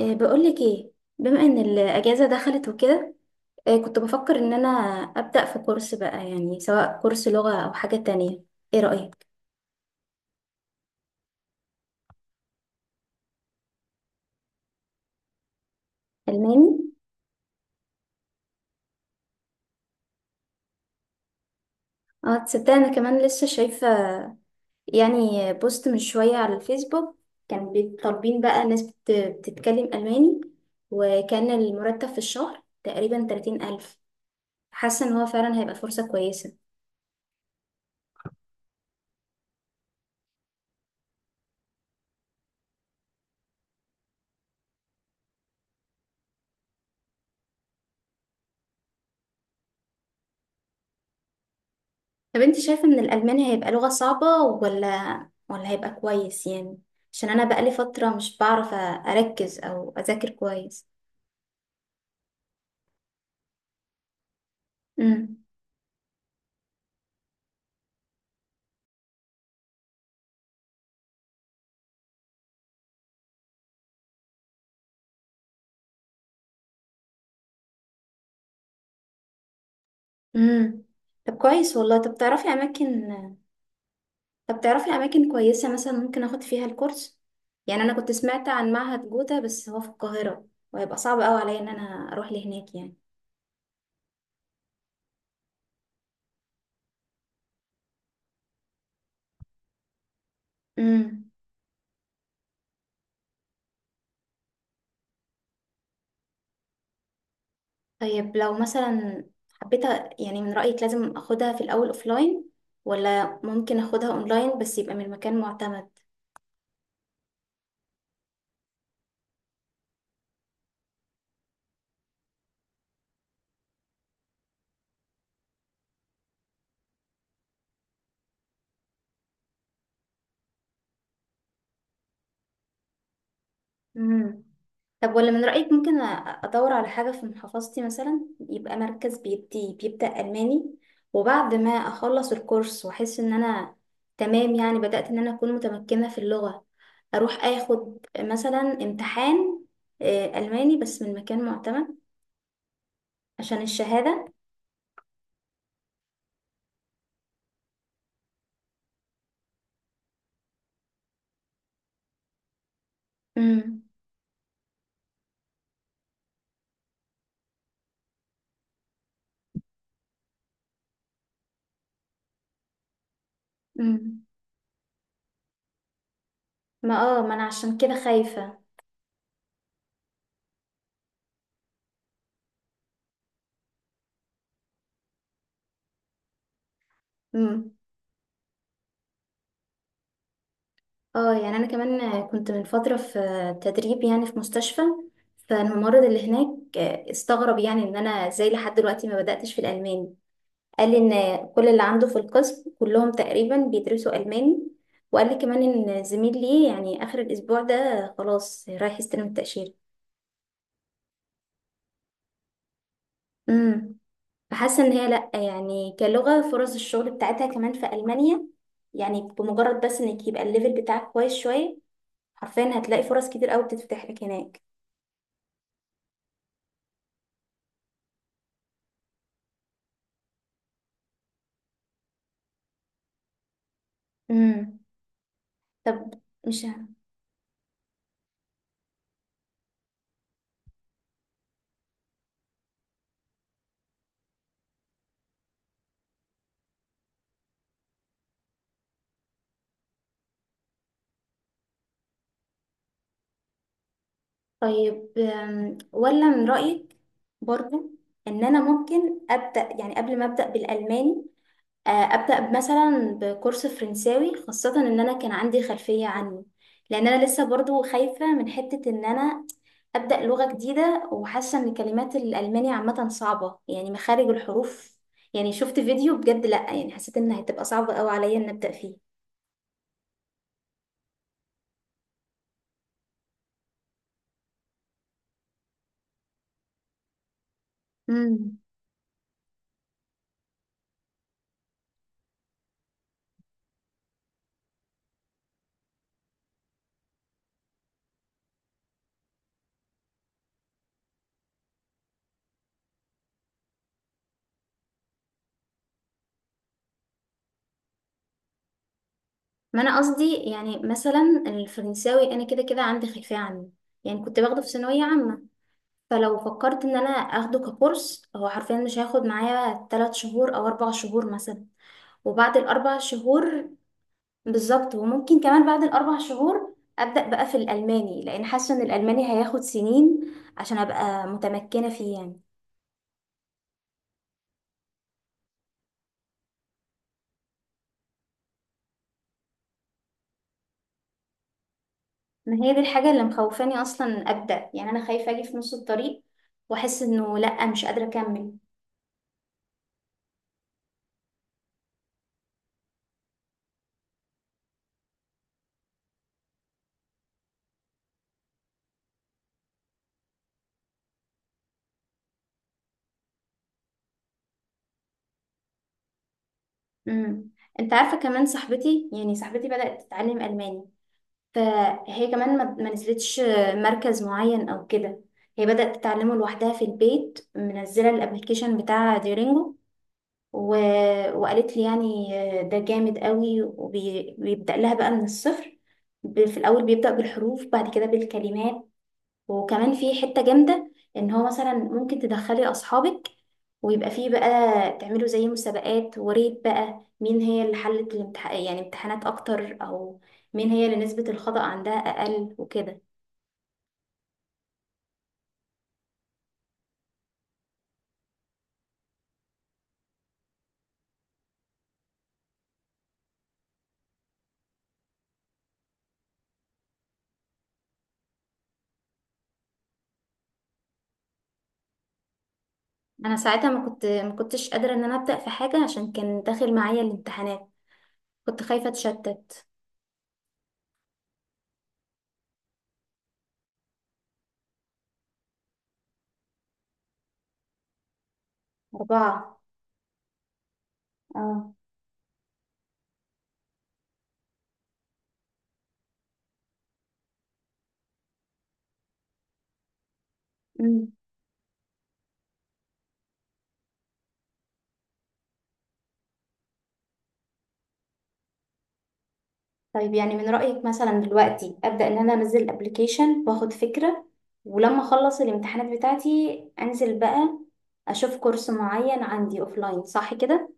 إيه، بقولك ايه. بما ان الاجازه دخلت وكده. إيه، كنت بفكر ان انا ابدا في كورس بقى يعني سواء كورس لغه او حاجه تانية. ايه رايك؟ الماني. اه، تصدق انا كمان لسه شايفه يعني بوست من شويه على الفيسبوك. كان طالبين بقى ناس بتتكلم الماني. وكان المرتب في الشهر تقريبا 30000. حاسه ان هو فعلا هيبقى فرصه كويسه. طب انت شايفة ان الألماني هيبقى لغة صعبة ولا هيبقى كويس يعني؟ عشان انا بقالي فترة مش بعرف اركز او اذاكر كويس. امم. امم. طب كويس والله. طب تعرفي اماكن؟ طب تعرفي اماكن كويسة مثلا ممكن اخد فيها الكورس؟ يعني انا كنت سمعت عن معهد جوتا بس هو في القاهرة، وهيبقى صعب قوي عليا ان انا اروح لهناك يعني. امم. طيب لو مثلا حبيت يعني من رأيك لازم اخدها في الاول اوفلاين ولا ممكن اخدها اونلاين بس يبقى من مكان معتمد؟ امم. طب ولا من رأيك ممكن ادور على حاجة في محافظتي مثلا، يبقى مركز بيدي بيبدأ ألماني، وبعد ما اخلص الكورس واحس ان انا تمام يعني بدأت ان انا اكون متمكنة في اللغة، اروح اخد مثلا امتحان ألماني بس من مكان معتمد عشان الشهادة؟ امم. ما انا عشان كده خايفة. امم. اه، يعني انا كمان كنت من فترة في تدريب يعني في مستشفى. فالممرض اللي هناك استغرب يعني ان انا ازاي لحد دلوقتي ما بدأتش في الالماني. قال لي ان كل اللي عنده في القسم كلهم تقريبا بيدرسوا الماني، وقال لي كمان ان زميل ليه يعني اخر الاسبوع ده خلاص رايح يستلم التأشيرة. امم. فحاسة ان هي لا يعني كلغة فرص الشغل بتاعتها كمان في ألمانيا، يعني بمجرد بس انك يبقى الليفل بتاعك كويس شوية حرفيا هتلاقي فرص كتير قوي بتتفتح لك هناك. امم. طب مش ه- طيب ولا من رأيك برضو ان انا ممكن ابدا يعني قبل ما ابدا بالالماني، ابدا مثلا بكورس فرنساوي خاصه ان انا كان عندي خلفيه عنه؟ لان انا لسه برضو خايفه من حته ان انا ابدا لغه جديده وحاسه ان كلمات الالماني عامه صعبه يعني مخارج الحروف. يعني شفت فيديو بجد لا يعني حسيت انها هتبقى صعبه قوي عليا ان ابدا. فيه. ما انا قصدي يعني مثلا الفرنساوي انا كده كده عندي خلفيه عنه، يعني كنت باخده في ثانويه عامه. فلو فكرت ان انا اخده ككورس هو حرفيا مش هياخد معايا 3 شهور او 4 شهور مثلا، وبعد الاربع شهور بالظبط. وممكن كمان بعد الاربع شهور ابدا بقى في الالماني لان حاسه ان الالماني هياخد سنين عشان ابقى متمكنه فيه يعني. ما هي دي الحاجه اللي مخوفاني اصلا ابدا، يعني انا خايفه اجي في نص الطريق واحس انه لا مش قادره اكمل. امم. انت عارفه كمان صاحبتي، يعني صاحبتي بدات تتعلم الماني، فهي كمان ما نزلتش مركز معين او كده. هي بدات تتعلمه لوحدها في البيت منزله الابلكيشن بتاع ديورينجو و... وقالت لي يعني ده جامد قوي وبيبدا لها بقى من الصفر. في الاول بيبدا بالحروف بعد كده بالكلمات. وكمان في حتة جامدة ان هو مثلا ممكن تدخلي اصحابك ويبقى فيه بقى تعملوا زي مسابقات وريت بقى مين هي اللي حلت يعني امتحانات اكتر، او مين هي اللي نسبة الخطأ عندها اقل وكده. انا ساعتها ما كنتش قادرة ان انا ابدأ في حاجة عشان كان داخل معايا الامتحانات، كنت خايفة اتشتت. أربعة. اه. طيب يعني من رأيك مثلا دلوقتي أبدأ إن أنا أنزل الأبليكيشن وآخد فكرة، ولما أخلص الامتحانات بتاعتي أنزل بقى أشوف كورس معين عندي أوفلاين، صح كده؟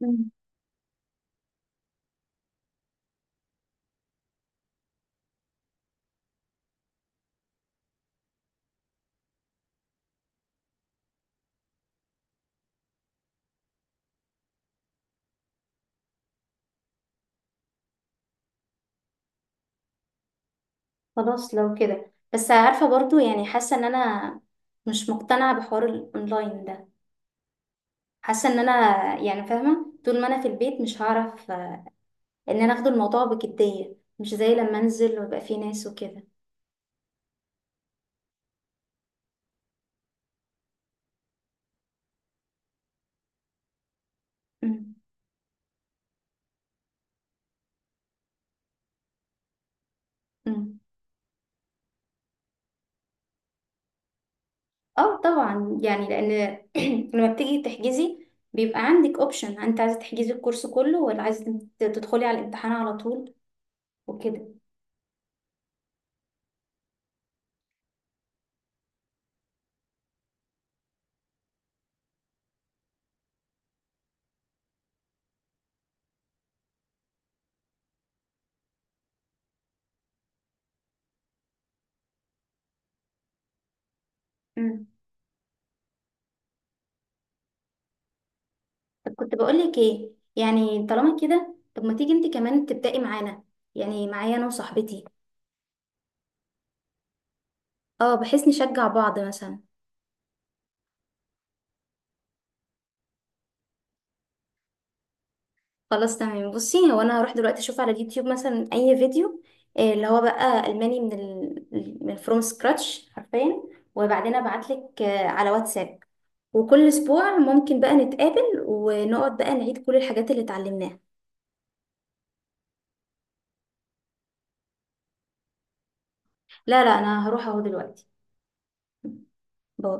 مم. خلاص لو كده، بس عارفة برضو يعني حاسة إن أنا مش مقتنعة بحوار الأونلاين ده. حاسة إن أنا يعني فاهمة طول ما أنا في البيت مش هعرف إن أنا أخد الموضوع بجدية مش زي لما أنزل ويبقى فيه ناس وكده. مم. مم. اه طبعا يعني لان لما بتيجي تحجزي بيبقى عندك اوبشن انت عايزه تحجزي الكورس كله ولا عايزه تدخلي على الامتحان على طول وكده. امم. طب كنت بقول لك ايه، يعني طالما كده، طب ما تيجي انت كمان تبدأي معانا يعني معايا انا وصاحبتي. اه بحيث نشجع بعض مثلا. خلاص تمام. بصي هو انا هروح دلوقتي اشوف على اليوتيوب مثلا اي فيديو اللي هو بقى الماني من فروم سكراتش حرفيا، وبعدين ابعت لك على واتساب. وكل اسبوع ممكن بقى نتقابل ونقعد بقى نعيد كل الحاجات اللي اتعلمناها. لا لا انا هروح اهو دلوقتي. باي.